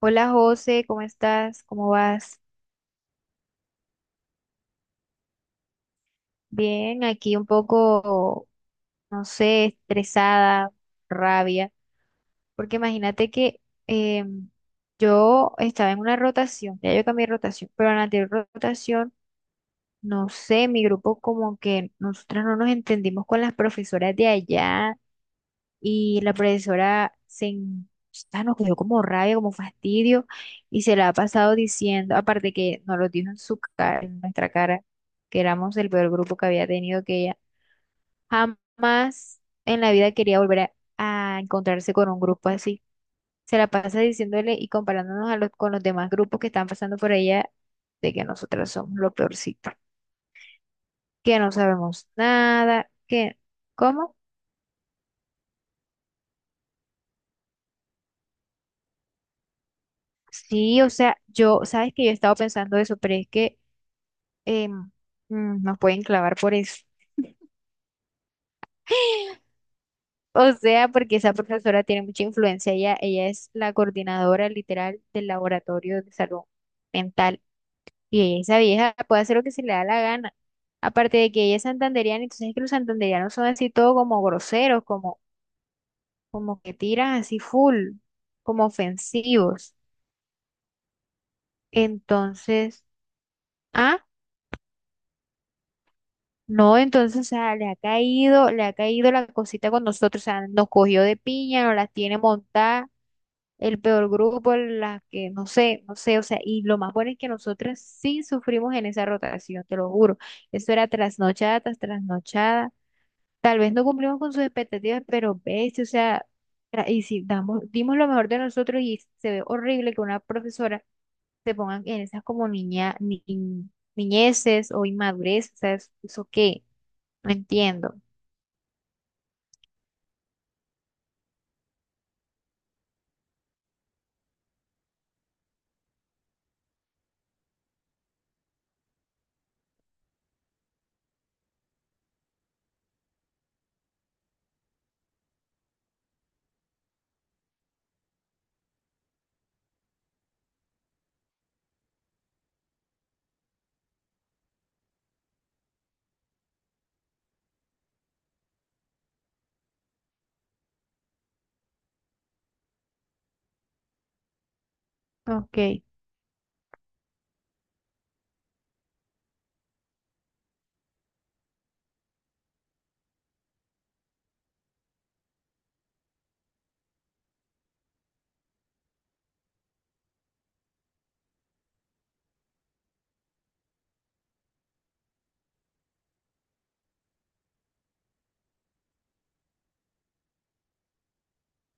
Hola José, ¿cómo estás? ¿Cómo vas? Bien, aquí un poco, no sé, estresada, rabia, porque imagínate que eh, yo estaba en una rotación, ya yo cambié de rotación, pero en la anterior rotación, no sé, mi grupo como que nosotras no nos entendimos con las profesoras de allá y la profesora se en- pues, ah, nos cogió como rabia, como fastidio y se la ha pasado diciendo, aparte que nos lo dijo en su cara, en nuestra cara, que éramos el peor grupo que había tenido, que ella jamás en la vida quería volver a encontrarse con un grupo así. Se la pasa diciéndole y comparándonos a los, con los demás grupos que están pasando por ella de que nosotras somos lo peorcito, que no sabemos nada, que... ¿Cómo? Sí, o sea, yo, sabes que yo he estado pensando eso, pero es que em, nos pueden clavar por eso. O sea, porque esa profesora tiene mucha influencia. Ella es la coordinadora literal del laboratorio de salud mental. Y ella, esa vieja puede hacer lo que se le da la gana. Aparte de que ella es santanderiana, entonces es que los santanderianos son así todo como groseros, como, como que tiran así full, como ofensivos. Entonces, ah, no, entonces, o sea, le ha caído la cosita con nosotros, o sea, nos cogió de piña, nos las tiene montadas el peor grupo, las que no sé, no sé, o sea, y lo más bueno es que nosotras sí sufrimos en esa rotación, te lo juro. Eso era trasnochada tras trasnochada. Tal vez no cumplimos con sus expectativas, pero ves, o sea, tra- y si damos, dimos lo mejor de nosotros y se ve horrible que una profesora se ponga en esas como niña, ni, niñeces o inmadurez, o sea, es- ¿eso qué? No entiendo. Ok,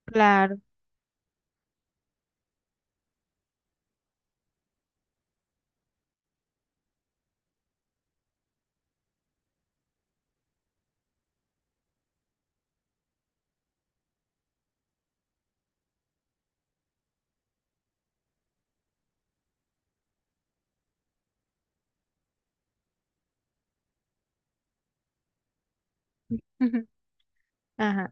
claro. Ajá.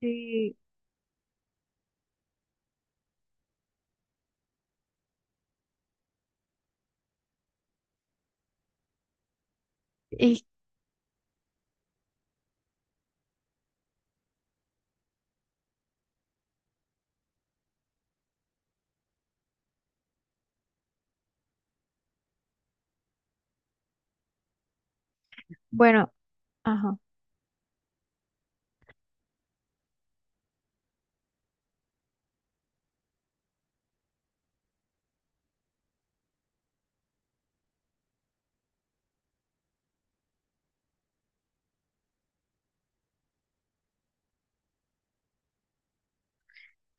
Sí, y bueno, ajá.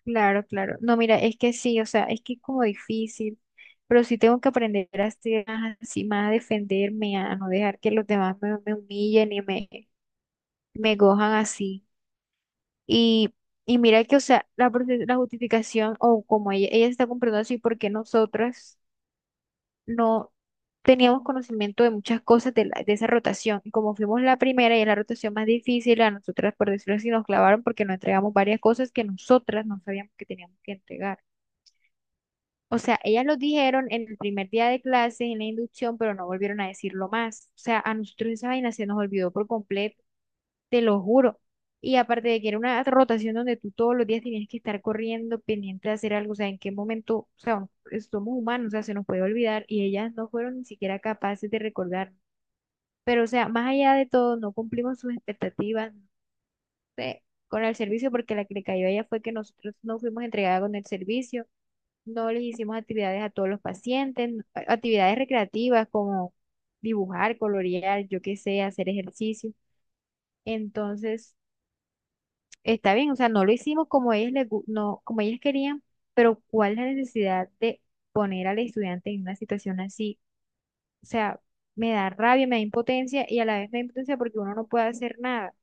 Claro, claro. No, mira, es que sí, o sea, es que es como difícil, pero sí tengo que aprender a ser más así, más a defenderme, a no dejar que los demás me, me humillen y me cojan así. Y, y mira que, o sea, la, profe- la justificación, o como ella se está comprando así, porque nosotras no teníamos conocimiento de muchas cosas de, la- de esa rotación. Y como fuimos la primera y es la rotación más difícil, a nosotras, por decirlo así, nos clavaron porque nos entregamos varias cosas que nosotras no sabíamos que teníamos que entregar. O sea, ellas lo dijeron en el primer día de clase, en la inducción, pero no volvieron a decirlo más. O sea, a nosotros esa vaina se nos olvidó por completo, te lo juro. Y aparte de que era una rotación donde tú todos los días tenías que estar corriendo, pendiente de hacer algo, o sea, en qué momento, o sea, no- somos humanos, o sea, se nos puede olvidar y ellas no fueron ni siquiera capaces de recordar. Pero, o sea, más allá de todo, no cumplimos sus expectativas, no sé, con el servicio, porque la que le cayó a ella fue que nosotros no fuimos entregadas con el servicio no les hicimos actividades a todos los pacientes, n- a- actividades recreativas como dibujar, colorear, yo qué sé, hacer ejercicio. Entonces, está bien, o sea, no lo hicimos como ellos les, gu- no, como ellas querían, pero ¿cuál es la necesidad de poner al estudiante en una situación así? O sea, me da rabia, me da impotencia y a la vez me da impotencia porque uno no puede hacer nada.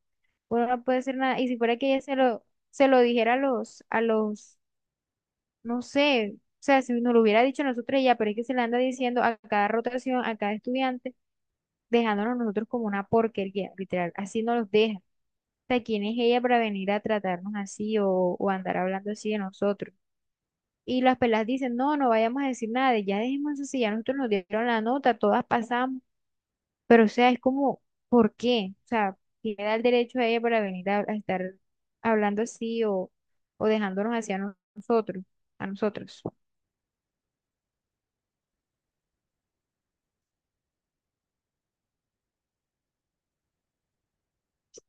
Uno no puede hacer nada. Y si fuera que ella se lo dijera a los no sé, o sea, si nos lo hubiera dicho nosotros ya, pero es que se le anda diciendo a cada rotación, a cada estudiante, dejándonos nosotros como una porquería, literal, así nos los deja. O sea, ¿quién es ella para venir a tratarnos así o andar hablando así de nosotros? Y las pelas dicen, no, no vayamos a decir nada, de- ya dejemos eso, si ya nosotros nos dieron la nota, todas pasamos, pero o sea, es como, ¿por qué? O sea, ¿quién le da el derecho a ella para venir a estar hablando así o dejándonos así a no- nosotros, a nosotros?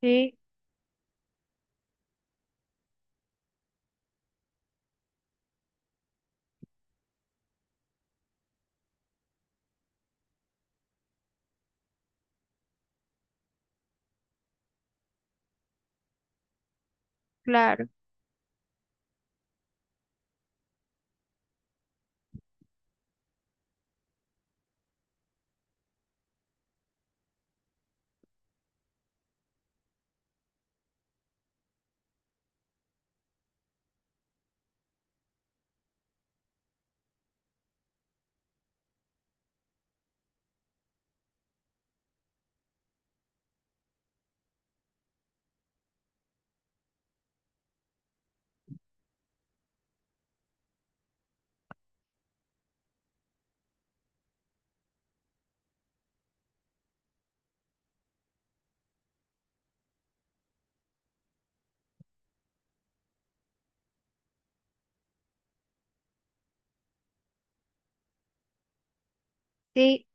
Sí, claro. Sí,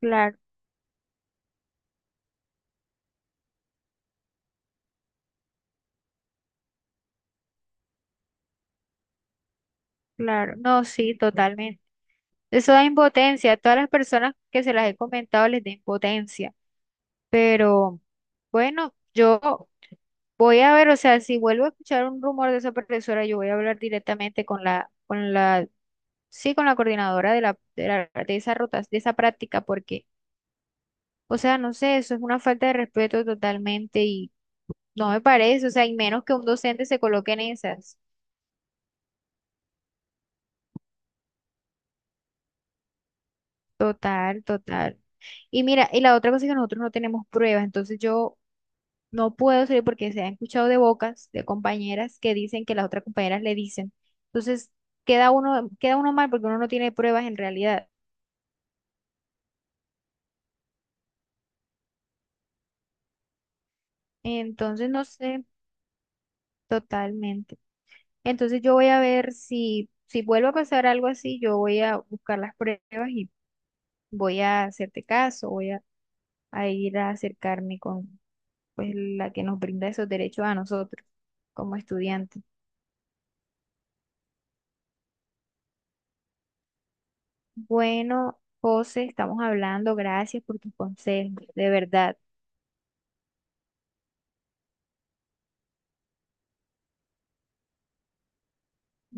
claro, claro. No, sí, totalmente. Eso da impotencia. A todas las personas que se las he comentado les da impotencia. Pero bueno, yo voy a ver, o sea, si vuelvo a escuchar un rumor de esa profesora, yo voy a hablar directamente con la, sí, con la coordinadora de la, de la- de esa rota, de esa práctica, porque, o sea, no sé, eso es una falta de respeto totalmente y no me parece, o sea, y menos que un docente se coloque en esas. Total, total. Y mira, y la otra cosa es que nosotros no tenemos pruebas, entonces yo no puedo salir porque se han escuchado de bocas de compañeras que dicen que las otras compañeras le dicen. Entonces queda uno mal porque uno no tiene pruebas en realidad. Entonces no sé totalmente. Entonces yo voy a ver si, si vuelve a pasar algo así, yo voy a buscar las pruebas y voy a hacerte caso, voy a ir a acercarme con pues la que nos brinda esos derechos a nosotros como estudiantes. Bueno, José, estamos hablando. Gracias por tus consejos, de verdad.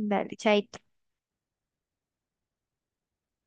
Dale, chaito.